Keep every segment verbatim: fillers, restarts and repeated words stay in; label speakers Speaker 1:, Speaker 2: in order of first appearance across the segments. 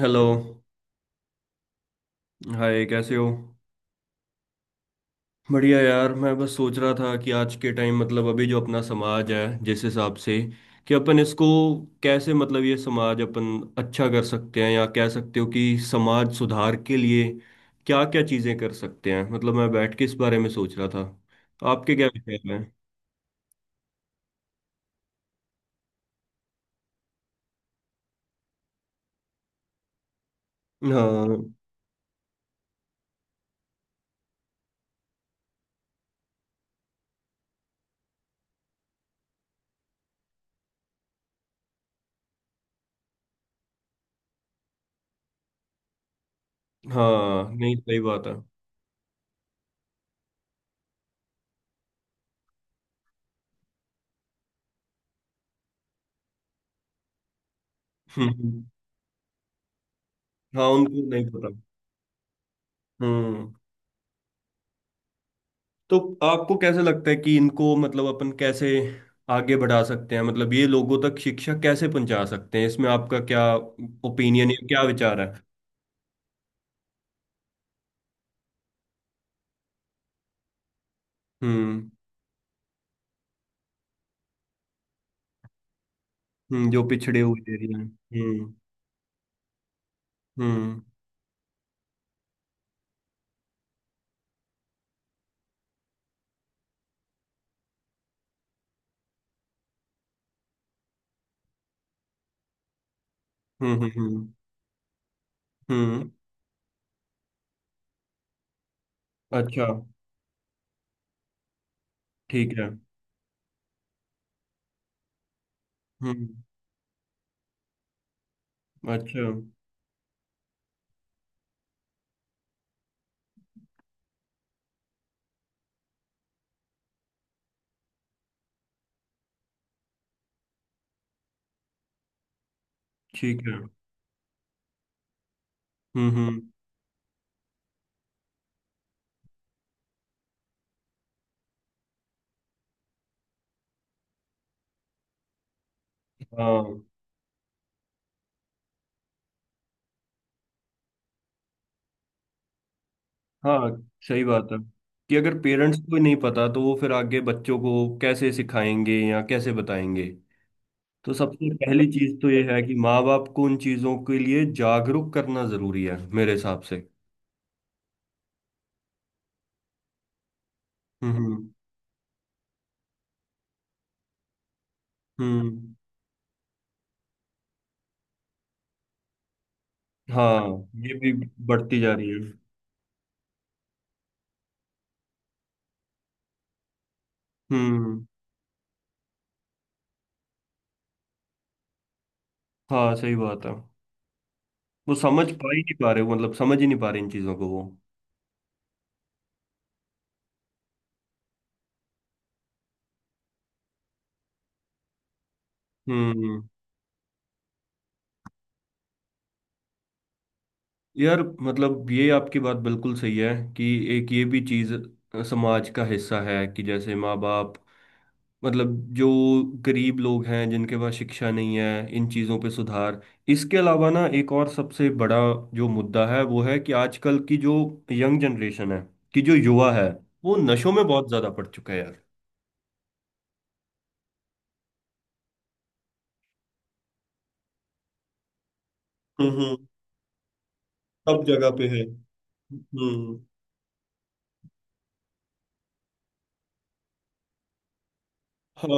Speaker 1: Hello. Hi, कैसे हो? बढ़िया यार, मैं बस सोच रहा था कि आज के टाइम, मतलब अभी जो अपना समाज है जिस हिसाब से कि अपन इसको कैसे, मतलब ये समाज अपन अच्छा कर सकते हैं, या कह सकते हो कि समाज सुधार के लिए क्या क्या चीज़ें कर सकते हैं। मतलब मैं बैठ के इस बारे में सोच रहा था, आपके क्या विचार हैं? हाँ। हाँ, नहीं, सही बात है। हम्म, हाँ, उनको नहीं पता। हम्म तो आपको कैसे लगता है कि इनको, मतलब अपन कैसे आगे बढ़ा सकते हैं, मतलब ये लोगों तक शिक्षा कैसे पहुंचा सकते हैं? इसमें आपका क्या ओपिनियन है, क्या विचार है? हम्म हम्म, जो पिछड़े हुए एरिया हैं। हम्म। हम्म। हम्म। हम्म। हम्म। हम्म। अच्छा। ठीक है। हम्म। अच्छा। ठीक है। हम्म। हम्म। हाँ। हाँ, सही बात है कि अगर पेरेंट्स को ही नहीं पता तो वो फिर आगे बच्चों को कैसे सिखाएंगे या कैसे बताएंगे। तो सबसे पहली चीज तो ये है कि माँ बाप को उन चीजों के लिए जागरूक करना जरूरी है मेरे हिसाब से। हम्म। हम्म। हाँ, ये भी बढ़ती जा रही है। हम्म। हाँ, सही बात है। वो समझ पा ही नहीं पा रहे, मतलब समझ ही नहीं पा रहे इन चीजों को वो। हम्म। यार, मतलब ये आपकी बात बिल्कुल सही है कि एक ये भी चीज समाज का हिस्सा है कि जैसे माँ बाप, मतलब जो गरीब लोग हैं जिनके पास शिक्षा नहीं है, इन चीज़ों पे सुधार। इसके अलावा ना एक और सबसे बड़ा जो मुद्दा है वो है कि आजकल की जो यंग जनरेशन है, कि जो युवा है, वो नशों में बहुत ज़्यादा पड़ चुका है यार। हम्म। सब जगह पे है। हम्म। हाँ।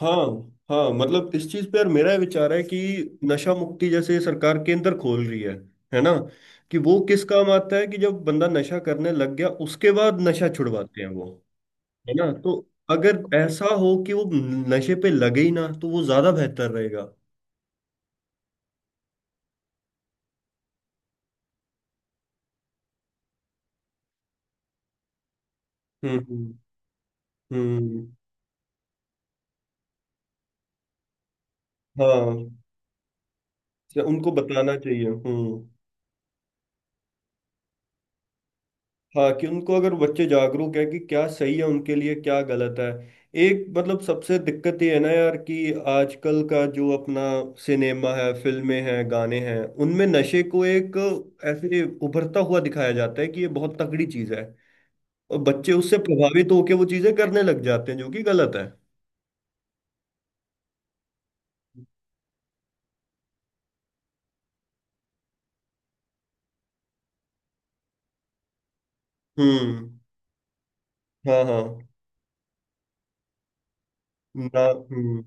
Speaker 1: हाँ, हाँ मतलब इस चीज पे यार मेरा ये विचार है कि नशा मुक्ति जैसे सरकार केंद्र खोल रही है है ना, कि वो किस काम आता है कि जब बंदा नशा करने लग गया उसके बाद नशा छुड़वाते हैं वो। है ना, तो अगर ऐसा हो कि वो नशे पे लगे ही ना तो वो ज्यादा बेहतर रहेगा। हम्म। हम्म हम्म, हाँ, तो उनको बताना चाहिए। हम्म। हाँ, कि उनको, अगर बच्चे जागरूक है कि क्या सही है उनके लिए, क्या गलत है। एक, मतलब सबसे दिक्कत ये है ना यार कि आजकल का जो अपना सिनेमा है, फिल्में हैं, गाने हैं, उनमें नशे को एक ऐसे उभरता हुआ दिखाया जाता है कि ये बहुत तगड़ी चीज है, और बच्चे उससे प्रभावित होकर वो चीजें करने लग जाते हैं जो कि गलत है। हम्म। हाँ, हाँ। ना। हम्म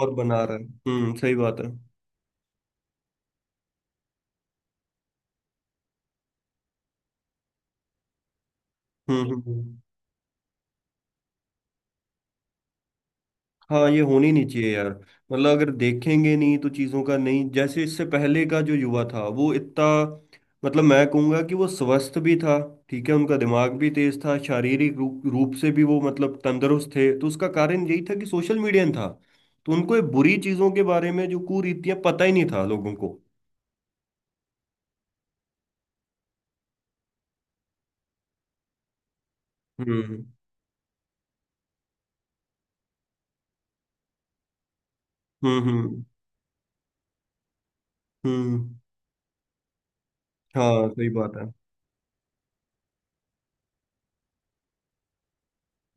Speaker 1: और बना रहा है। हम्म, सही बात है। हम्म। हम्म हम्म। हाँ, ये होनी नहीं चाहिए यार। मतलब अगर देखेंगे नहीं तो चीज़ों का नहीं, जैसे इससे पहले का जो युवा था वो इतना, मतलब मैं कहूँगा कि वो स्वस्थ भी था, ठीक है, उनका दिमाग भी तेज था, शारीरिक रूप रूप से भी वो मतलब तंदुरुस्त थे, तो उसका कारण यही था कि सोशल मीडिया था, तो उनको ये बुरी चीज़ों के बारे में जो कुरीतियाँ, पता ही नहीं था लोगों को। हम्म। हम्म। हम्म। हम्म। हाँ, सही बात है।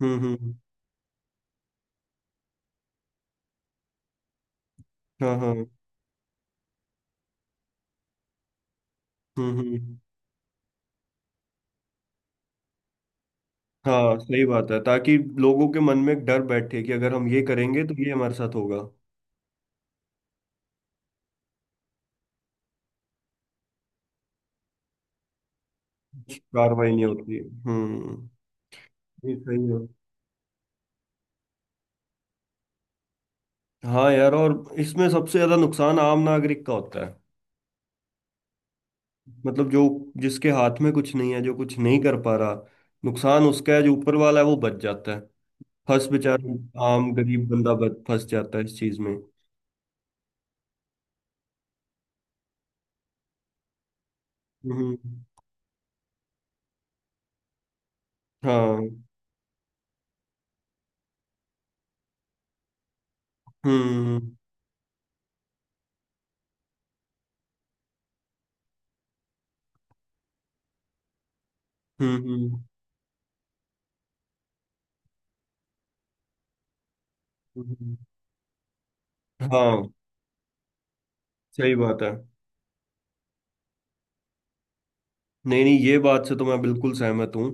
Speaker 1: हम्म। हम्म। हाँ, हाँ। हम्म। हम्म। हाँ, सही बात है, ताकि लोगों के मन में एक डर बैठे कि अगर हम ये करेंगे तो ये हमारे साथ होगा। कुछ कार्रवाई नहीं होती है। हम्म। ये सही है। हाँ यार, और इसमें सबसे ज्यादा नुकसान आम नागरिक का होता है। मतलब जो, जिसके हाथ में कुछ नहीं है, जो कुछ नहीं कर पा रहा, नुकसान उसका है। जो ऊपर वाला है वो बच जाता है, फंस बेचारा आम गरीब बंदा बच फंस जाता है इस चीज में। हम्म। हाँ। हम्म। हम्म। हम्म। हम्म, हाँ, सही बात है। नहीं नहीं, ये बात से तो मैं बिल्कुल सहमत हूँ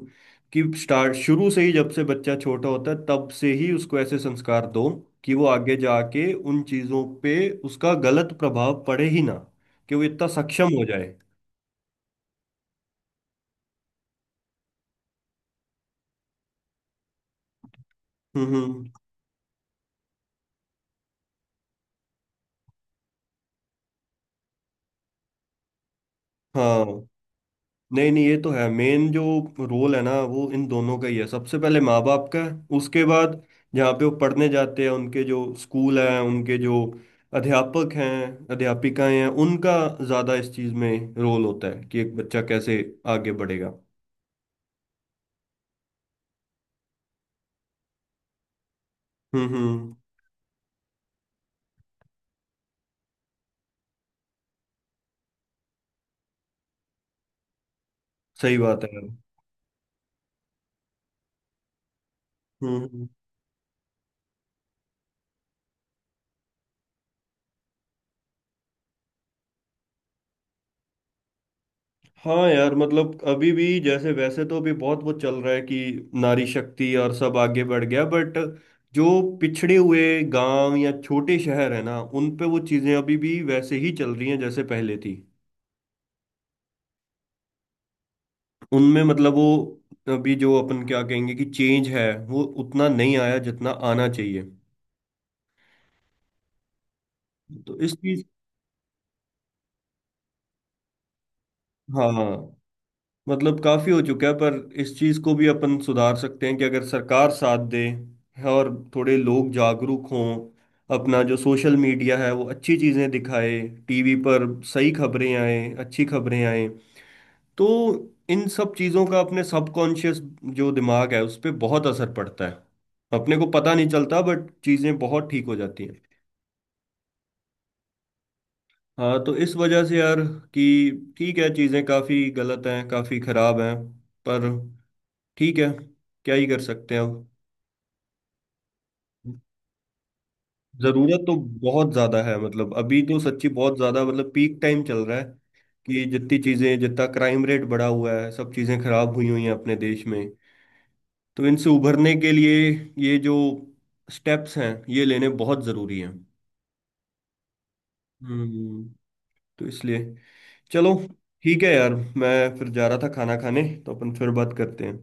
Speaker 1: कि स्टार्ट, शुरू से ही, जब से बच्चा छोटा होता है तब से ही उसको ऐसे संस्कार दो कि वो आगे जाके उन चीजों पे, उसका गलत प्रभाव पड़े ही ना, कि वो इतना सक्षम हो जाए। हम्म। हम्म, हाँ, नहीं नहीं ये तो है, मेन जो रोल है ना वो इन दोनों का ही है, सबसे पहले माँ बाप का है, उसके बाद जहाँ पे वो पढ़ने जाते हैं, उनके जो स्कूल हैं, उनके जो अध्यापक हैं, अध्यापिकाएं हैं, उनका ज़्यादा इस चीज़ में रोल होता है कि एक बच्चा कैसे आगे बढ़ेगा। हम्म। हम्म, सही बात है। हम्म। हम्म। हाँ यार, मतलब अभी भी, जैसे वैसे तो अभी बहुत वो चल रहा है कि नारी शक्ति और सब आगे बढ़ गया, बट जो पिछड़े हुए गांव या छोटे शहर है ना, उन पे वो चीजें अभी भी वैसे ही चल रही हैं जैसे पहले थी। उनमें मतलब वो, अभी जो अपन क्या कहेंगे कि चेंज है, वो उतना नहीं आया जितना आना चाहिए। तो इस चीज। हाँ, मतलब काफी हो चुका है, पर इस चीज को भी अपन सुधार सकते हैं कि अगर सरकार साथ दे, और थोड़े लोग जागरूक हों, अपना जो सोशल मीडिया है वो अच्छी चीजें दिखाए, टीवी पर सही खबरें आए, अच्छी खबरें आए, तो इन सब चीजों का अपने सबकॉन्शियस, जो दिमाग है उस पर बहुत असर पड़ता है। अपने को पता नहीं चलता बट चीजें बहुत ठीक हो जाती हैं। हाँ, तो इस वजह से यार, कि ठीक है, चीजें काफी गलत हैं, काफी खराब हैं, पर ठीक है, क्या ही कर सकते हैं अब। जरूरत तो बहुत ज्यादा है, मतलब अभी तो सच्ची बहुत ज्यादा, मतलब पीक टाइम चल रहा है कि जितनी चीजें, जितना क्राइम रेट बढ़ा हुआ है, सब चीजें खराब हुई हुई हैं अपने देश में। तो इनसे उभरने के लिए ये जो स्टेप्स हैं ये लेने बहुत जरूरी हैं। हम्म। तो इसलिए चलो, ठीक है यार, मैं फिर जा रहा था खाना खाने, तो अपन फिर बात करते हैं।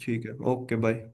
Speaker 1: ठीक है, ओके, बाय।